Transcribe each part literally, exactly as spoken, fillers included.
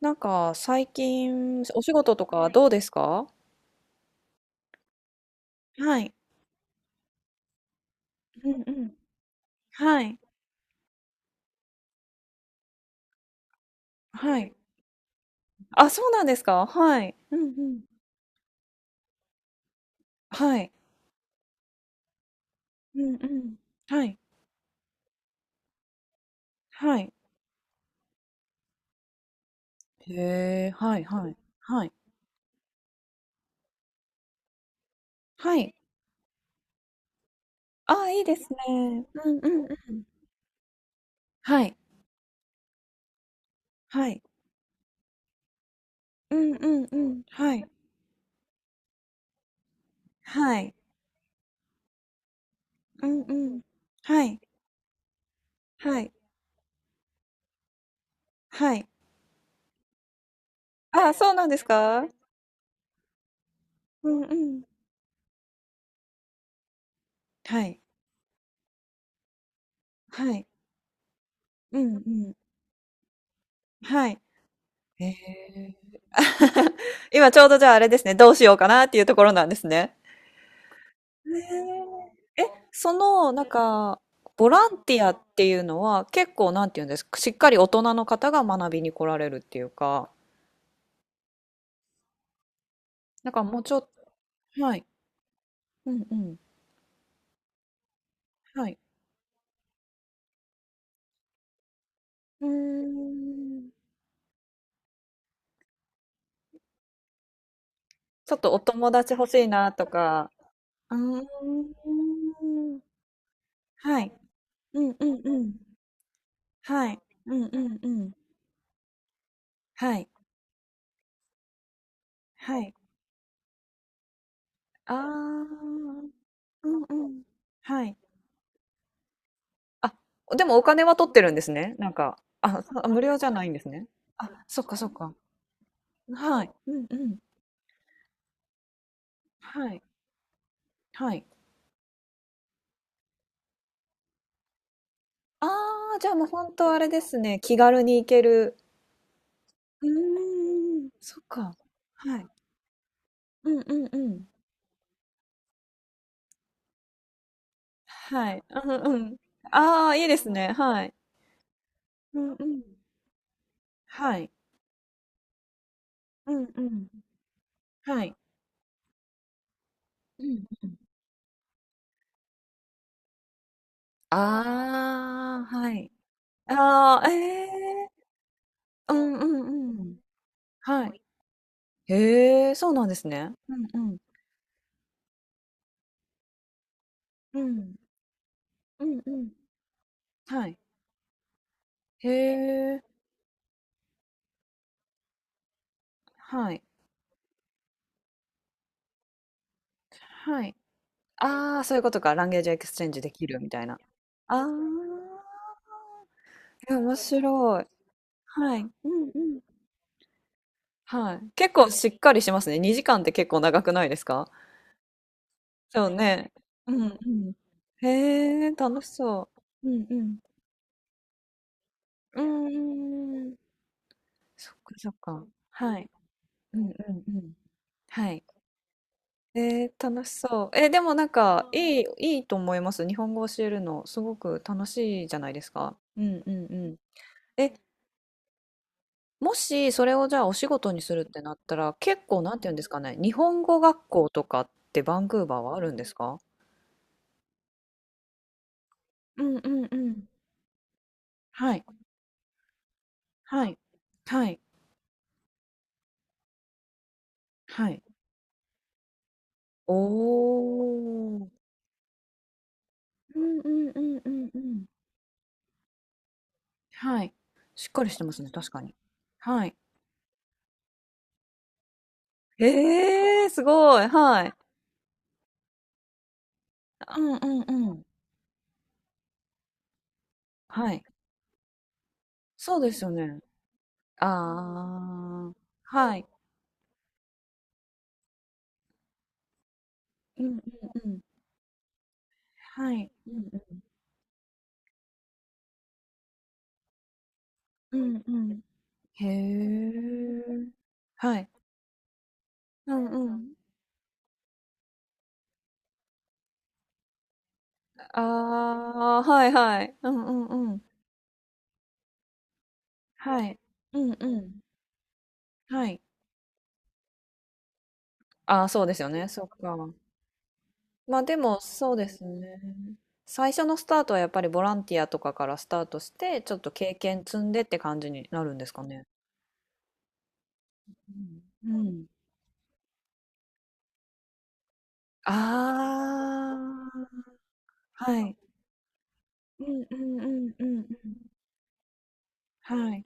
なんか最近お仕事とかどうですか？はい。うんうん。はい。はい。あ、そうなんですか？はい。うんうん。はい。うんうん。はい。はい。へえ、はい、はい、はい。はい。あ、いいですね。うんうんうん。はい。はい。うんうんうん。はい。はい。うんうん。はい。はい。はい。あ、そうなんですか？うんうん。はい。はい。うんうん。はい。へえ。今ちょうどじゃああれですね、どうしようかなっていうところなんですね。えーえ、その、なんか、ボランティアっていうのは結構なんていうんですか、しっかり大人の方が学びに来られるっていうか、なんかもうちょっと、はい、うんうん、はい。うーん、ちょっとお友達欲しいなとか、うーん、はい、うんうんうん、はい、うんうんうん、はい、はい、あー、うんうん、はい。あ、でもお金は取ってるんですね。なんか、あ、そあ、無料じゃないんですね。あ、そっかそっか。はい。うんうん。はい。はい。ああ、じゃあもう本当あれですね、気軽に行ける。うーん、そっか。はい。うんうんうん。はい。うんうん。ああ、いいですね。はい。うんうん。はい。うんうん。はい。うんうん。ああ、はい。ああ、ええ。うんうんうん。はい。へえ、そうなんですね。うんうん。うん。うんうん。はい。へえ、はい。はい。ああ、そういうことか。ランゲージエクスチェンジできるみたいな。ああ、え、面白い。はい。うんうん。はい。結構しっかりしますね。にじかんって結構長くないですか？そうね。うんうん。へえ、楽しそう。うんうん。うんうんうんうん。そっかそっか。はい。うんうんうん。はい。えー、楽しそう。えー、でもなんか、いい、いいと思います。日本語教えるの、すごく楽しいじゃないですか。うんうんうん。え、もし、それをじゃあお仕事にするってなったら、結構、なんて言うんですかね、日本語学校とかってバンクーバーはあるんですか？うんうんうん。はい、はい、はい、はい。おー。うんうんうんうんうん。はい。しっかりしてますね、確かに。はい。えー、すごい、はい。うんうんうん。はい。そうですよね。ああ、はい。うんうんうん。はい。うんうん。うんうん。へえ。はい。うんうん。ああ、はいはい。うんうんうん。はい。うんうん。はい。ああ、そうですよね。そっか。まあでも、そうですね。最初のスタートはやっぱりボランティアとかからスタートして、ちょっと経験積んでって感じになるんですかね。うん。うん。ああ、はい。うんうんうんうんうん。はい。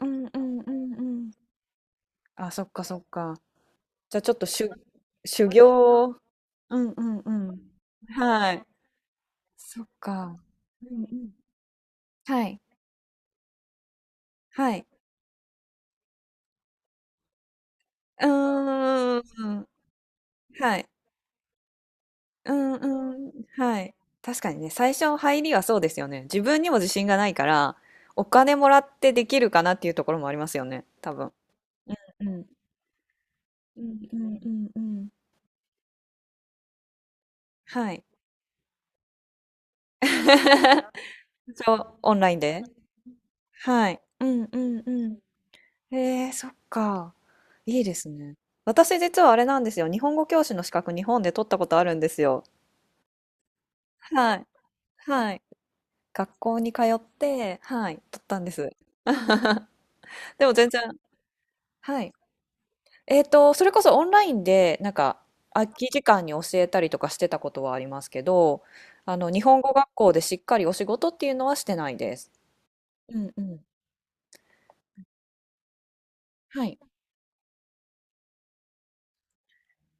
うんうんうんうん。あ、そっかそっか。じゃあちょっとしゅ、修行を。うんうんうん。はい。そっか。うんうん。はい。はい。うーん。はい。うんうん。はい。確かにね、最初の入りはそうですよね。自分にも自信がないから、お金もらってできるかなっていうところもありますよね、多分。うん。うんうんうんうん。はい。そう、オンラインで。はい。うんうんうん。へえ、そっか。いいですね。私実はあれなんですよ。日本語教師の資格日本で取ったことあるんですよ。はい。はい。学校に通って、はい、取ったんです。でも全然、はい。えっと、それこそオンラインで、なんか、空き時間に教えたりとかしてたことはありますけど、あの、日本語学校でしっかりお仕事っていうのはしてないです。うんうん。はい。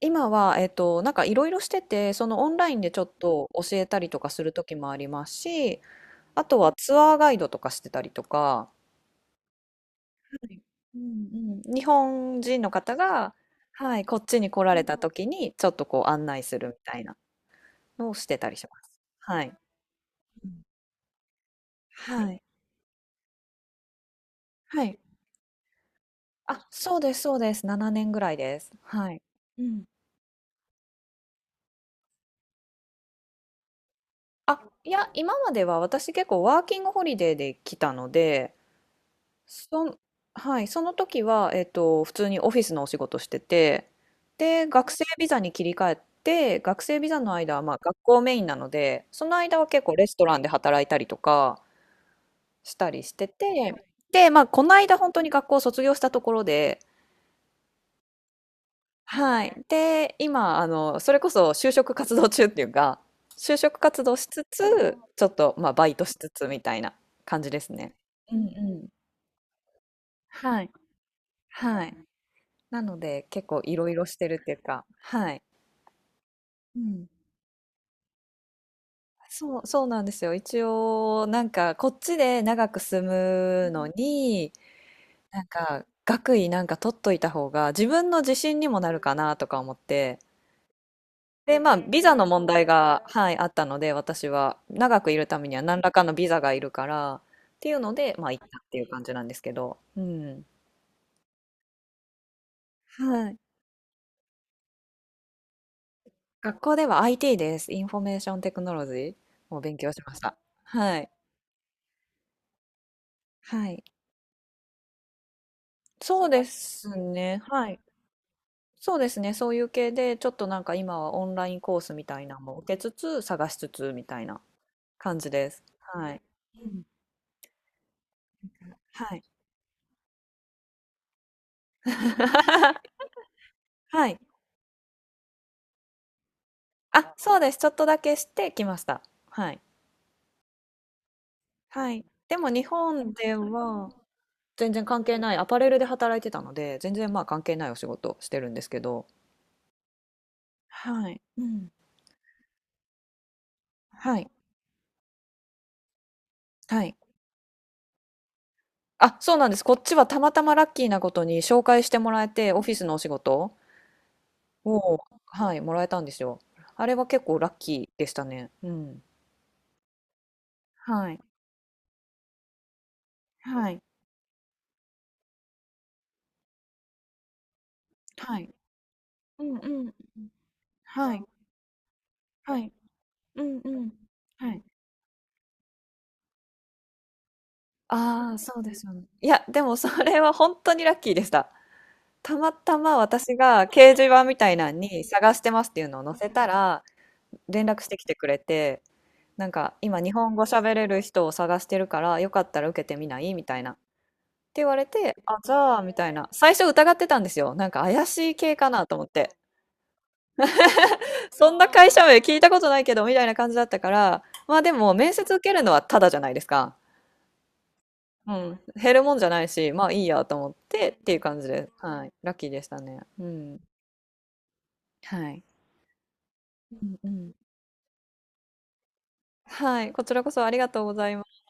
今は、えっと、なんかいろいろしてて、そのオンラインでちょっと教えたりとかする時もありますし、あとはツアーガイドとかしてたりとか、はい、うんうん、日本人の方が、はい、こっちに来られた時にちょっとこう案内するみたいなのをしてたりします。はい。うん。はい。はい。あ、そうです、そうです。ななねんぐらいです。はい。うん。あ、いや、今までは私結構ワーキングホリデーで来たので、そん、はい、その時は、えっと、普通にオフィスのお仕事してて、で、学生ビザに切り替えて、学生ビザの間は、まあ、学校メインなので、その間は結構レストランで働いたりとかしたりしてて、で、まあ、この間本当に学校を卒業したところで、はい。で、今、あの、それこそ就職活動中っていうか、就職活動しつつ、ちょっと、まあ、バイトしつつみたいな感じですね。うんうん。はい。はい。なので結構いろいろしてるっていうか、はい。うん。そう、そうなんですよ。一応、なんかこっちで長く住むのに、なんか学位なんか取っといた方が自分の自信にもなるかなとか思って。で、まあ、ビザの問題が、はい、あったので、私は長くいるためには何らかのビザがいるから、っていうので、まあ、行ったっていう感じなんですけど。うん。はい。学校では アイティー です。インフォメーションテクノロジーを勉強しました。はい。はい。そうですね。はい。そうですね。そういう系で、ちょっとなんか今はオンラインコースみたいなのも受けつつ、探しつつみたいな感じです。はい。うん。はい。はい。あ、そうです。ちょっとだけしてきました。はい。はい。でも日本では全然関係ない、アパレルで働いてたので、全然まあ関係ないお仕事してるんですけど。はい。うん。はい。はい。あ、そうなんです。こっちはたまたまラッキーなことに紹介してもらえて、オフィスのお仕事を、はい、もらえたんですよ。あれは結構ラッキーでしたね。うん。はい。はい。はい。うんうん。はい。はい。うんうん。はい。ああ、そうですよね。いや、でもそれは本当にラッキーでした。たまたま私が掲示板みたいなのに探してますっていうのを載せたら、連絡してきてくれて、なんか今日本語喋れる人を探してるから、よかったら受けてみない？みたいなて言われて、あ、じゃあ、みたいな。最初疑ってたんですよ。なんか怪しい系かなと思って。そんな会社名聞いたことないけど、みたいな感じだったから、まあでも、面接受けるのはただじゃないですか。うん。減るもんじゃないし、まあいいやと思ってっていう感じで、はい。ラッキーでしたね。うん。はい。うんうん。はい。こちらこそありがとうございます。